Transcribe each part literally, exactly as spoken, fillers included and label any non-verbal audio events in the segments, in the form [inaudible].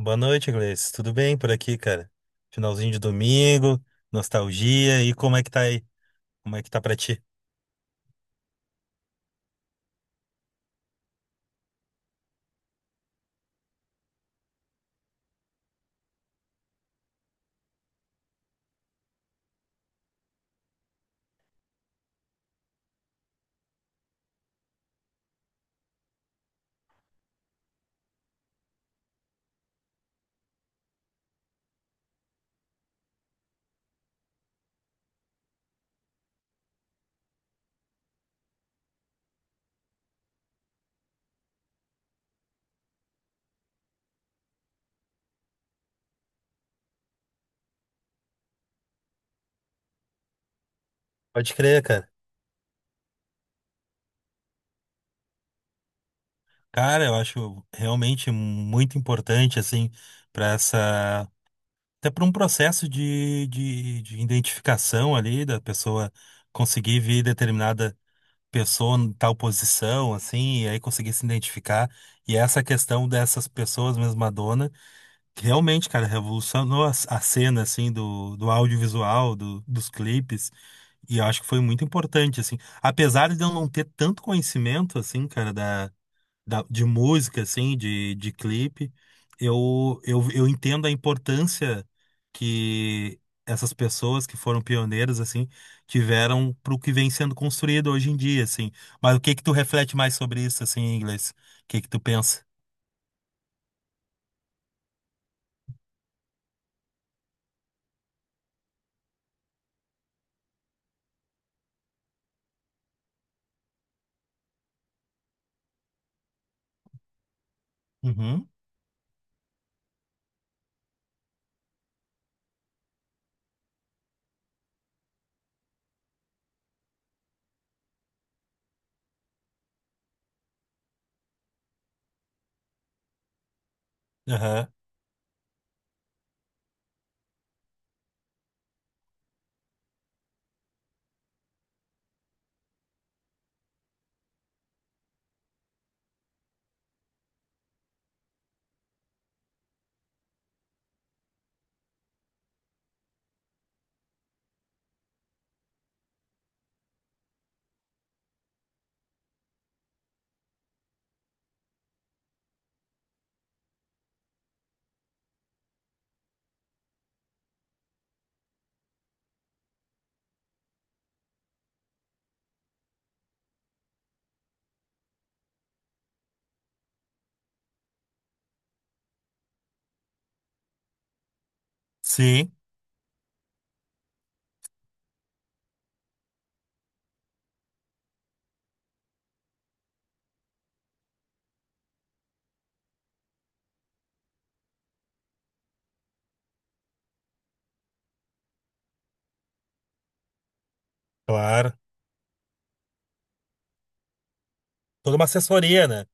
Boa noite, Gleice. Tudo bem por aqui, cara? Finalzinho de domingo, nostalgia. E como é que tá aí? Como é que tá pra ti? Pode crer, cara. Cara, eu acho realmente muito importante, assim, pra essa. Até para um processo de, de, de identificação ali, da pessoa conseguir ver determinada pessoa em tal posição, assim, e aí conseguir se identificar. E essa questão dessas pessoas mesma. Realmente, cara, revolucionou a, a cena, assim, do, do audiovisual, do- dos clipes, e eu acho que foi muito importante, assim. Apesar de eu não ter tanto conhecimento, assim, cara, da, da- de música, assim, de, de clipe, eu, eu, eu entendo a importância que essas pessoas que foram pioneiras, assim, tiveram pro que vem sendo construído hoje em dia, assim. Mas o que que tu reflete mais sobre isso, assim, em inglês? O que que tu pensa? Uhum. Aham. Sim, claro. Toda uma assessoria, né?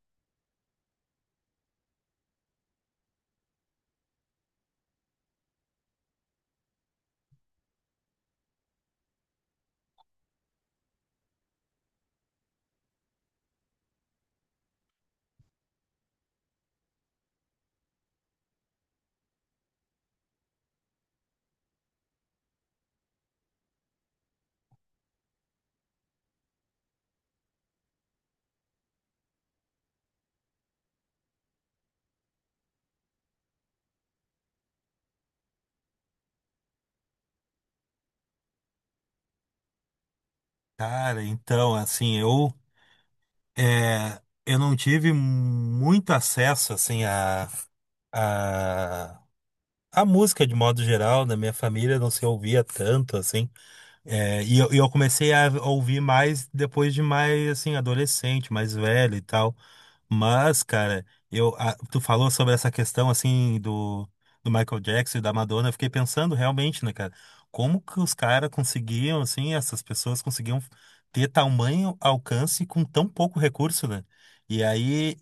Cara, então, assim, eu, é, eu não tive muito acesso, assim, a, a, a música de modo geral, na minha família não se ouvia tanto, assim. É, e eu, e eu comecei a ouvir mais depois de mais, assim, adolescente, mais velho e tal. Mas, cara, eu, a- tu falou sobre essa questão, assim, do, do Michael Jackson e da Madonna. Eu fiquei pensando realmente, né, cara, como que os caras conseguiam, assim, essas pessoas conseguiam ter tamanho alcance com tão pouco recurso, né? E aí,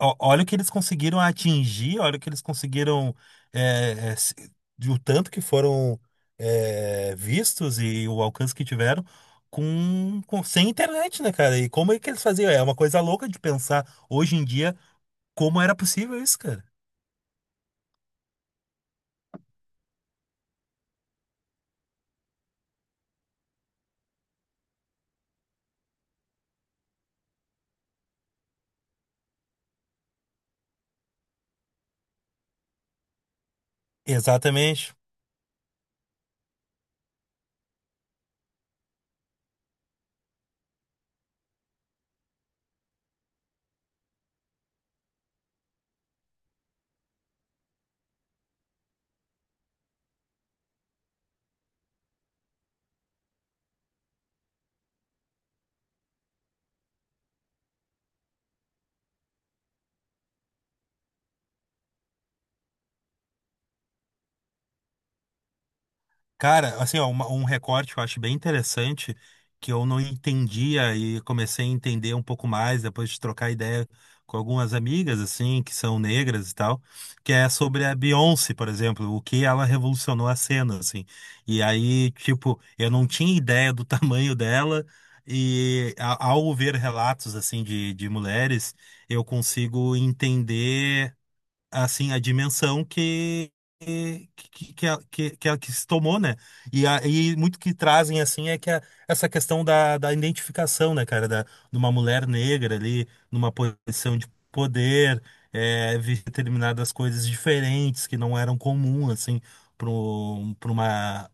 Ó- olha o que eles conseguiram atingir, olha o que eles conseguiram, é, é, se- de o tanto que foram, é, vistos e o alcance que tiveram com, com- sem internet, né, cara? E como é que eles faziam? É uma coisa louca de pensar hoje em dia como era possível isso, cara. Exatamente. Cara, assim, ó, uma- um recorte que eu acho bem interessante, que eu não entendia e comecei a entender um pouco mais depois de trocar ideia com algumas amigas, assim, que são negras e tal, que é sobre a Beyoncé, por exemplo, o que ela revolucionou a cena, assim. E aí, tipo, eu não tinha ideia do [laughs] tamanho dela, e a- ao ver relatos, assim, de, de mulheres, eu consigo entender, assim, a dimensão que que, que, que, a- que, que a- que se tomou, né? E, a, e muito que trazem, assim, é que a- essa questão da, da identificação, né, cara? Da, de uma mulher negra ali, numa posição de poder, é, vi determinadas coisas diferentes que não eram comum, assim, para uma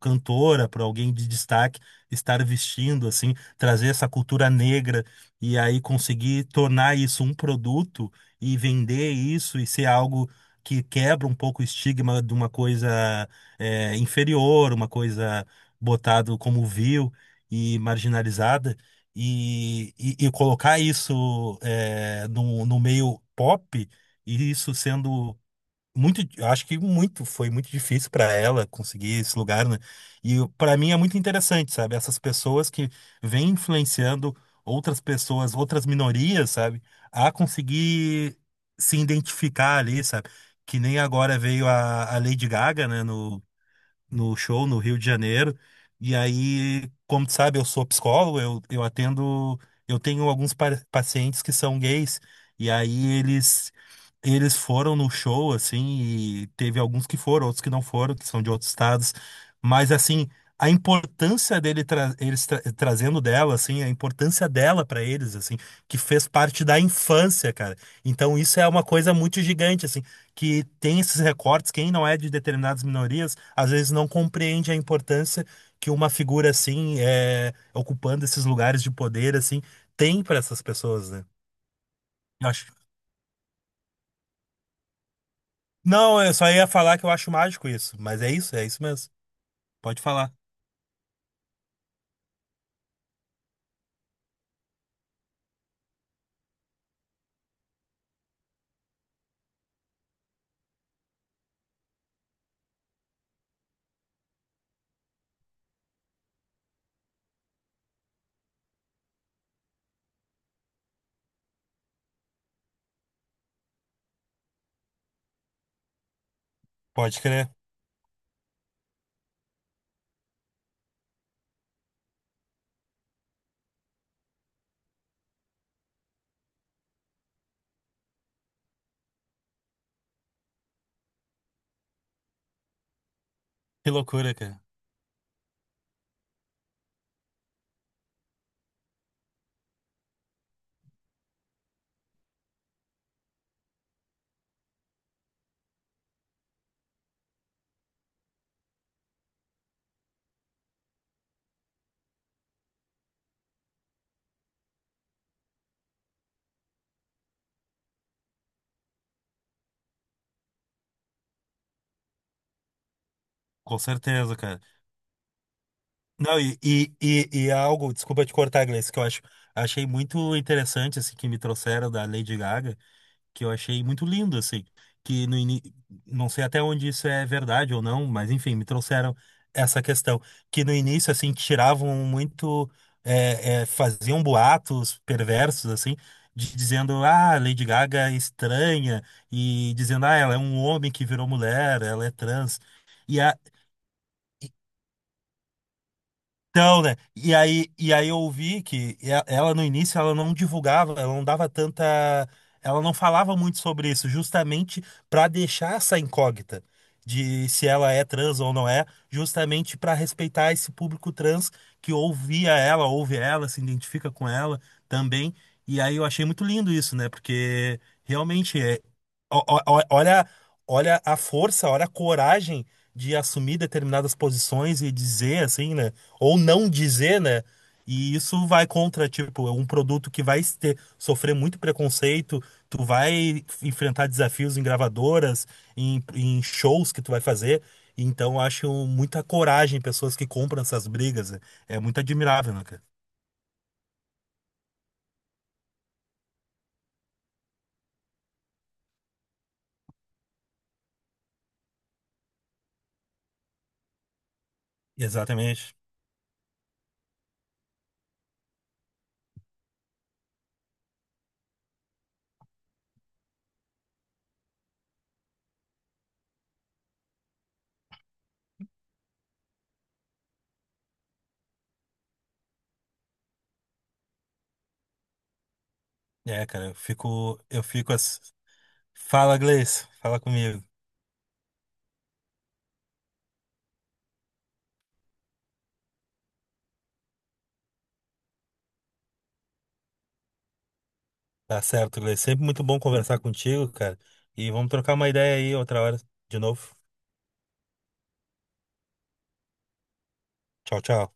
cantora, para alguém de destaque estar vestindo assim, trazer essa cultura negra e aí conseguir tornar isso um produto e vender isso e ser algo que quebra um pouco o estigma de uma coisa, é, inferior, uma coisa botado como vil e marginalizada e, e, e colocar isso, é, no, no meio pop, e isso sendo muito, eu acho que muito, foi muito difícil para ela conseguir esse lugar, né? E para mim é muito interessante, sabe? Essas pessoas que vêm influenciando outras pessoas, outras minorias, sabe? A conseguir se identificar ali, sabe? Que nem agora veio a, a Lady Gaga, né? No show no Rio de Janeiro. E aí, como tu sabe, eu sou psicólogo, eu, eu atendo, eu tenho alguns pa- pacientes que são gays, e aí eles eles foram no show assim, e teve alguns que foram, outros que não foram, que são de outros estados, mas assim, a importância dele tra eles tra- trazendo dela assim, a importância dela pra eles assim, que fez parte da infância, cara. Então isso é uma coisa muito gigante assim, que tem esses recortes, quem não é de determinadas minorias, às vezes não compreende a importância que uma figura assim, é, ocupando esses lugares de poder assim, tem para essas pessoas, né? Eu acho... Não, eu só ia falar que eu acho mágico isso, mas é isso, é isso mesmo. Pode falar, pode crer. Que loucura, cara. Com certeza, cara. Não, e, e, e, e algo, desculpa te cortar, Gleice, que eu acho, achei muito interessante, assim, que me trouxeram da Lady Gaga, que eu achei muito lindo, assim, que no ini... não sei até onde isso é verdade ou não, mas enfim, me trouxeram essa questão, que no início, assim, tiravam muito, é, é, faziam boatos perversos, assim, de- dizendo, ah, Lady Gaga é estranha, e dizendo, ah, ela é um homem que virou mulher, ela é trans, e a... então, né? E aí, e aí eu ouvi que e a- ela no início ela não divulgava, ela não dava tanta, ela não falava muito sobre isso, justamente para deixar essa incógnita de se ela é trans ou não é, justamente para respeitar esse público trans que ouvia ela, ouve ela, se identifica com ela também. E aí eu achei muito lindo isso, né? Porque realmente é, o- o- o- olha, olha a força, olha a coragem de assumir determinadas posições e dizer assim, né? Ou não dizer, né? E isso vai contra, tipo, é um produto que vai ter, sofrer muito preconceito, tu vai enfrentar desafios em gravadoras, em, em shows que tu vai fazer. Então, eu acho muita coragem em pessoas que compram essas brigas, né? É muito admirável, né, cara? Exatamente. É, cara, eu fico, eu fico assim. Fala, Gleice, fala comigo. Tá certo, Gleice. Sempre muito bom conversar contigo, cara. E vamos trocar uma ideia aí outra hora de novo. Tchau, tchau.